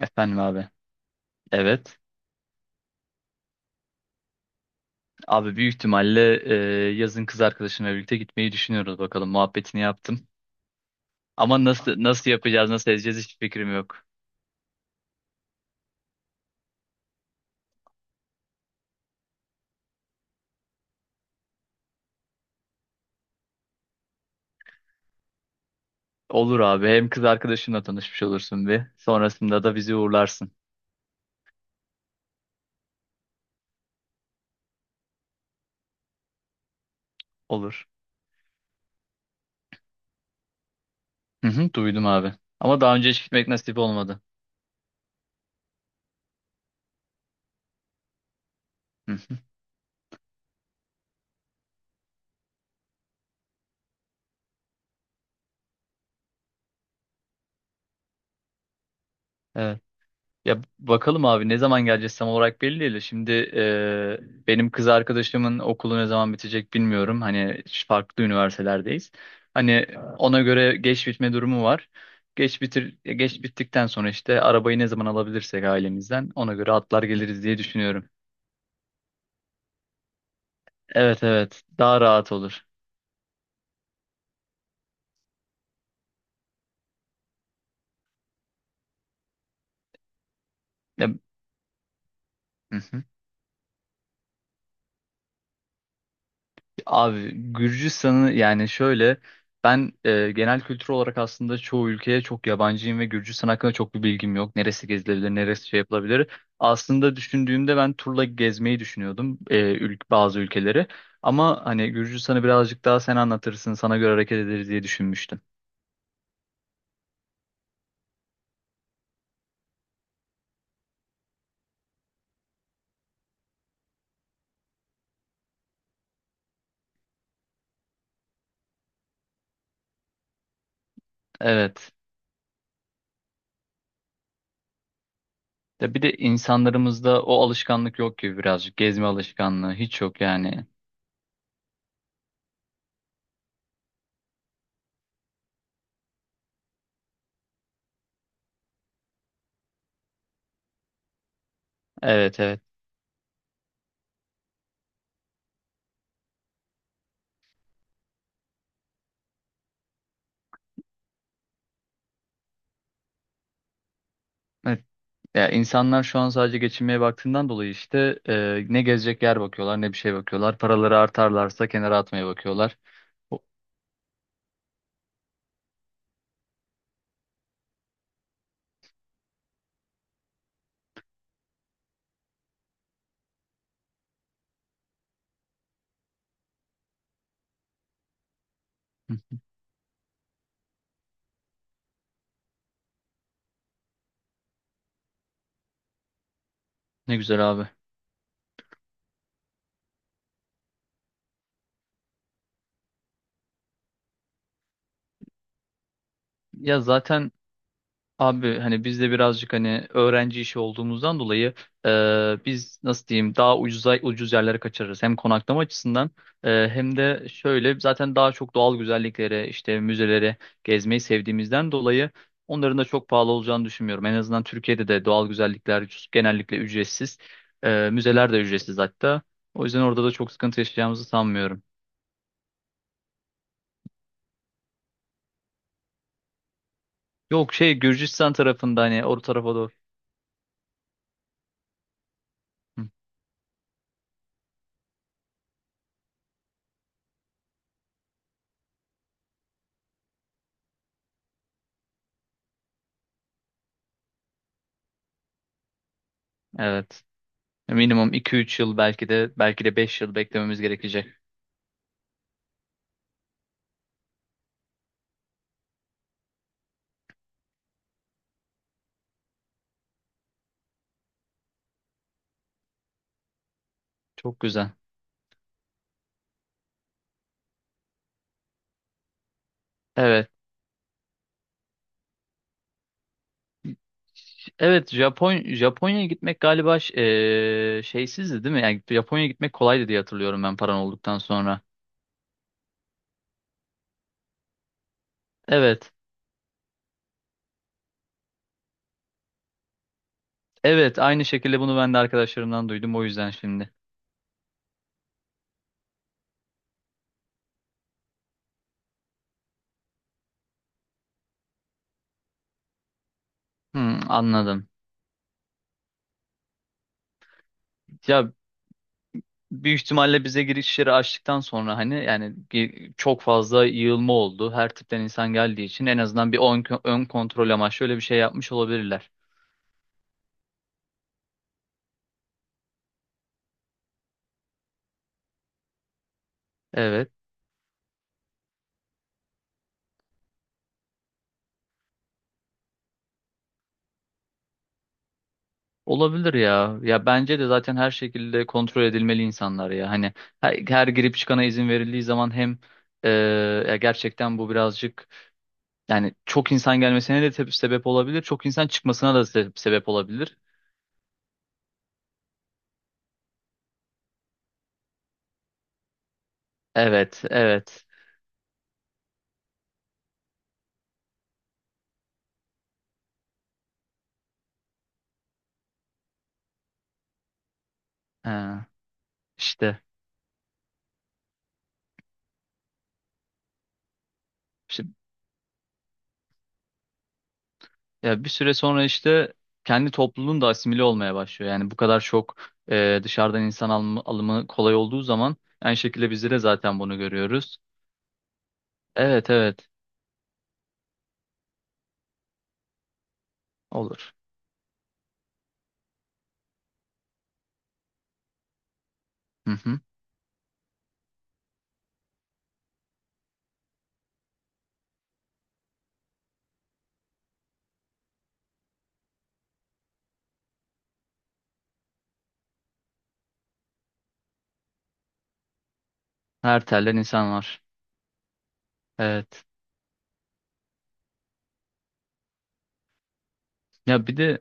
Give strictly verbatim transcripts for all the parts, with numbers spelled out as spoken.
Efendim abi. Evet. Abi, büyük ihtimalle e, yazın kız arkadaşımla birlikte gitmeyi düşünüyoruz, bakalım. Muhabbetini yaptım. Ama nasıl nasıl yapacağız, nasıl edeceğiz, hiç fikrim yok. Olur abi. Hem kız arkadaşınla tanışmış olursun bir. Sonrasında da bizi uğurlarsın. Olur. Hı hı, duydum abi. Ama daha önce hiç gitmek nasip olmadı. Hı. Evet. Ya bakalım abi, ne zaman geleceğiz tam olarak belli değil. Şimdi e, benim kız arkadaşımın okulu ne zaman bitecek bilmiyorum. Hani farklı üniversitelerdeyiz. Hani ona göre geç bitme durumu var. Geç bitir, geç bittikten sonra işte arabayı ne zaman alabilirsek ailemizden, ona göre atlar geliriz diye düşünüyorum. Evet, evet, daha rahat olur. Ya, Abi, Gürcistan'ı yani şöyle, ben e, genel kültür olarak aslında çoğu ülkeye çok yabancıyım ve Gürcistan hakkında çok bir bilgim yok. Neresi gezilebilir, neresi şey yapılabilir. Aslında düşündüğümde ben turla gezmeyi düşünüyordum e, ül- bazı ülkeleri. Ama hani Gürcistan'ı birazcık daha sen anlatırsın, sana göre hareket ederiz diye düşünmüştüm. Evet. Ya bir de insanlarımızda o alışkanlık yok gibi birazcık. Gezme alışkanlığı hiç yok yani. Evet, evet. Ya insanlar şu an sadece geçinmeye baktığından dolayı işte e, ne gezecek yer bakıyorlar, ne bir şey bakıyorlar. Paraları artarlarsa kenara atmaya bakıyorlar. O- Hı. Ne güzel abi. Ya zaten abi, hani biz de birazcık hani öğrenci işi olduğumuzdan dolayı e, biz nasıl diyeyim, daha ucuza ucuz yerlere kaçırırız. Hem konaklama açısından e, hem de şöyle zaten daha çok doğal güzelliklere, işte müzeleri gezmeyi sevdiğimizden dolayı onların da çok pahalı olacağını düşünmüyorum. En azından Türkiye'de de doğal güzellikler üc- genellikle ücretsiz. E, müzeler de ücretsiz hatta. O yüzden orada da çok sıkıntı yaşayacağımızı sanmıyorum. Yok şey, Gürcistan tarafında, hani o tarafa doğru. Hı, evet. Minimum iki üç yıl, belki de belki de beş yıl beklememiz gerekecek. Çok güzel. Evet. Evet, Japon Japonya'ya gitmek galiba ş- eee, şeysizdi değil mi? Yani Japonya'ya gitmek kolaydı diye hatırlıyorum ben, paran olduktan sonra. Evet. Evet, aynı şekilde bunu ben de arkadaşlarımdan duydum, o yüzden şimdi. Hmm, anladım. Ya büyük ihtimalle bize girişleri açtıktan sonra, hani yani gi- çok fazla yığılma oldu. Her tipten insan geldiği için en azından bir ön, ön kontrol amaçlı öyle bir şey yapmış olabilirler. Evet. Olabilir ya. Ya bence de zaten her şekilde kontrol edilmeli insanlar ya. Hani her, her girip çıkana izin verildiği zaman, hem e, ya gerçekten bu birazcık yani çok insan gelmesine de tep- sebep olabilir. Çok insan çıkmasına da se- sebep olabilir. Evet, evet. Ha, işte, işte ya bir süre sonra işte kendi topluluğun da asimile olmaya başlıyor. Yani bu kadar çok e, dışarıdan insan alımı, alımı kolay olduğu zaman aynı şekilde bizde de zaten bunu görüyoruz. Evet, evet. Olur. Hı hı. Her telden insan var. Evet. Ya bir de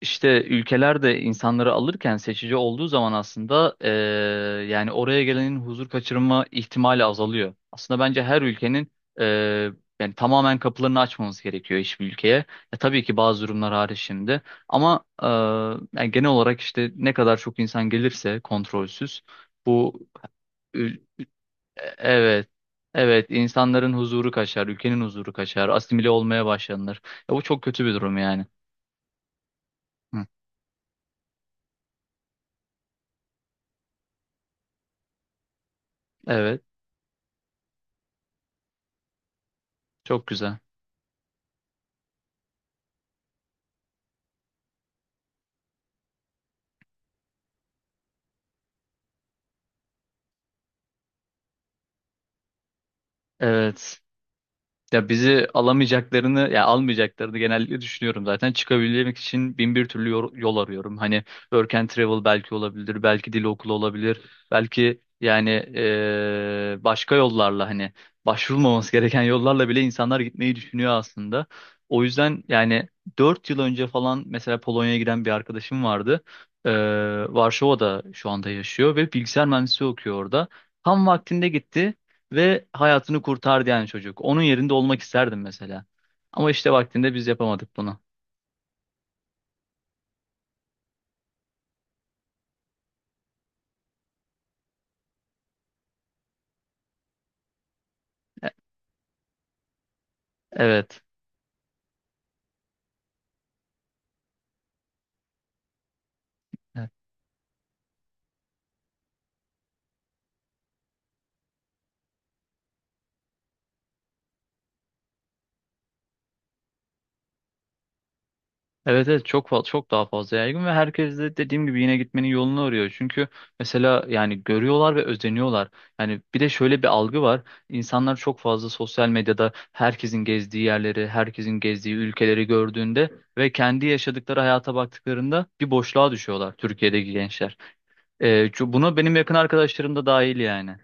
işte ülkeler de insanları alırken seçici olduğu zaman, aslında eee, yani oraya gelenin huzur kaçırma ihtimali azalıyor. Aslında bence her ülkenin eee, yani tamamen kapılarını açmamız gerekiyor, hiçbir ülkeye. Ya tabii ki bazı durumlar hariç şimdi. Ama eee, yani genel olarak işte ne kadar çok insan gelirse kontrolsüz, bu Evet. Evet, insanların huzuru kaçar, ülkenin huzuru kaçar, asimile olmaya başlanır. Ya bu çok kötü bir durum yani. Hı. Evet, çok güzel. Evet. Ya bizi alamayacaklarını ya almayacaklarını genellikle düşünüyorum zaten. Çıkabilmek için bin bir türlü yor- yol arıyorum. Hani work and travel belki olabilir, belki dil okulu olabilir, belki yani eee, başka yollarla, hani başvurulmaması gereken yollarla bile insanlar gitmeyi düşünüyor aslında. O yüzden yani dört yıl önce falan mesela Polonya'ya giden bir arkadaşım vardı. Eee, Varşova'da şu anda yaşıyor ve bilgisayar mühendisliği okuyor orada. Tam vaktinde gitti. Ve hayatını kurtardı yani, çocuk. Onun yerinde olmak isterdim mesela. Ama işte vaktinde biz yapamadık bunu. Evet. Evet, evet, evet, çok fa- çok daha fazla yaygın ve herkes de dediğim gibi yine gitmenin yolunu arıyor. Çünkü mesela yani görüyorlar ve özeniyorlar. Yani bir de şöyle bir algı var. İnsanlar çok fazla sosyal medyada herkesin gezdiği yerleri, herkesin gezdiği ülkeleri gördüğünde ve kendi yaşadıkları hayata baktıklarında bir boşluğa düşüyorlar, Türkiye'deki gençler. Ee, şu- buna benim yakın arkadaşlarım da dahil yani.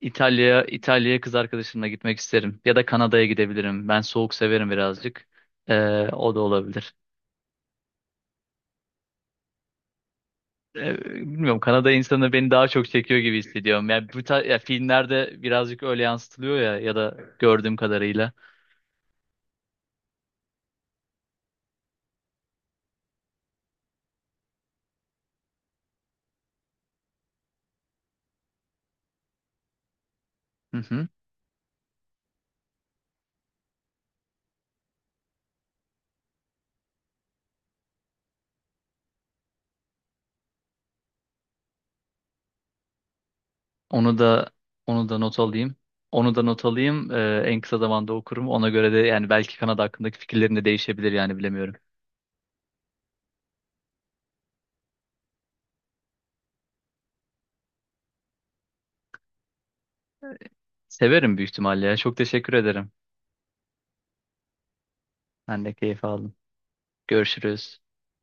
İtalya'ya İtalya'ya kız arkadaşımla gitmek isterim. Ya da Kanada'ya gidebilirim. Ben soğuk severim birazcık. Ee, o da olabilir. Ee, bilmiyorum, Kanada insanı beni daha çok çekiyor gibi hissediyorum. Yani bu tar- ya filmlerde birazcık öyle yansıtılıyor ya, ya da gördüğüm kadarıyla. Hı hı. Onu da onu da not alayım. Onu da not alayım. Ee, en kısa zamanda okurum. Ona göre de yani belki Kanada hakkındaki fikirlerim de değişebilir yani, bilemiyorum. Severim büyük ihtimalle ya. Çok teşekkür ederim. Ben de keyif aldım. Görüşürüz.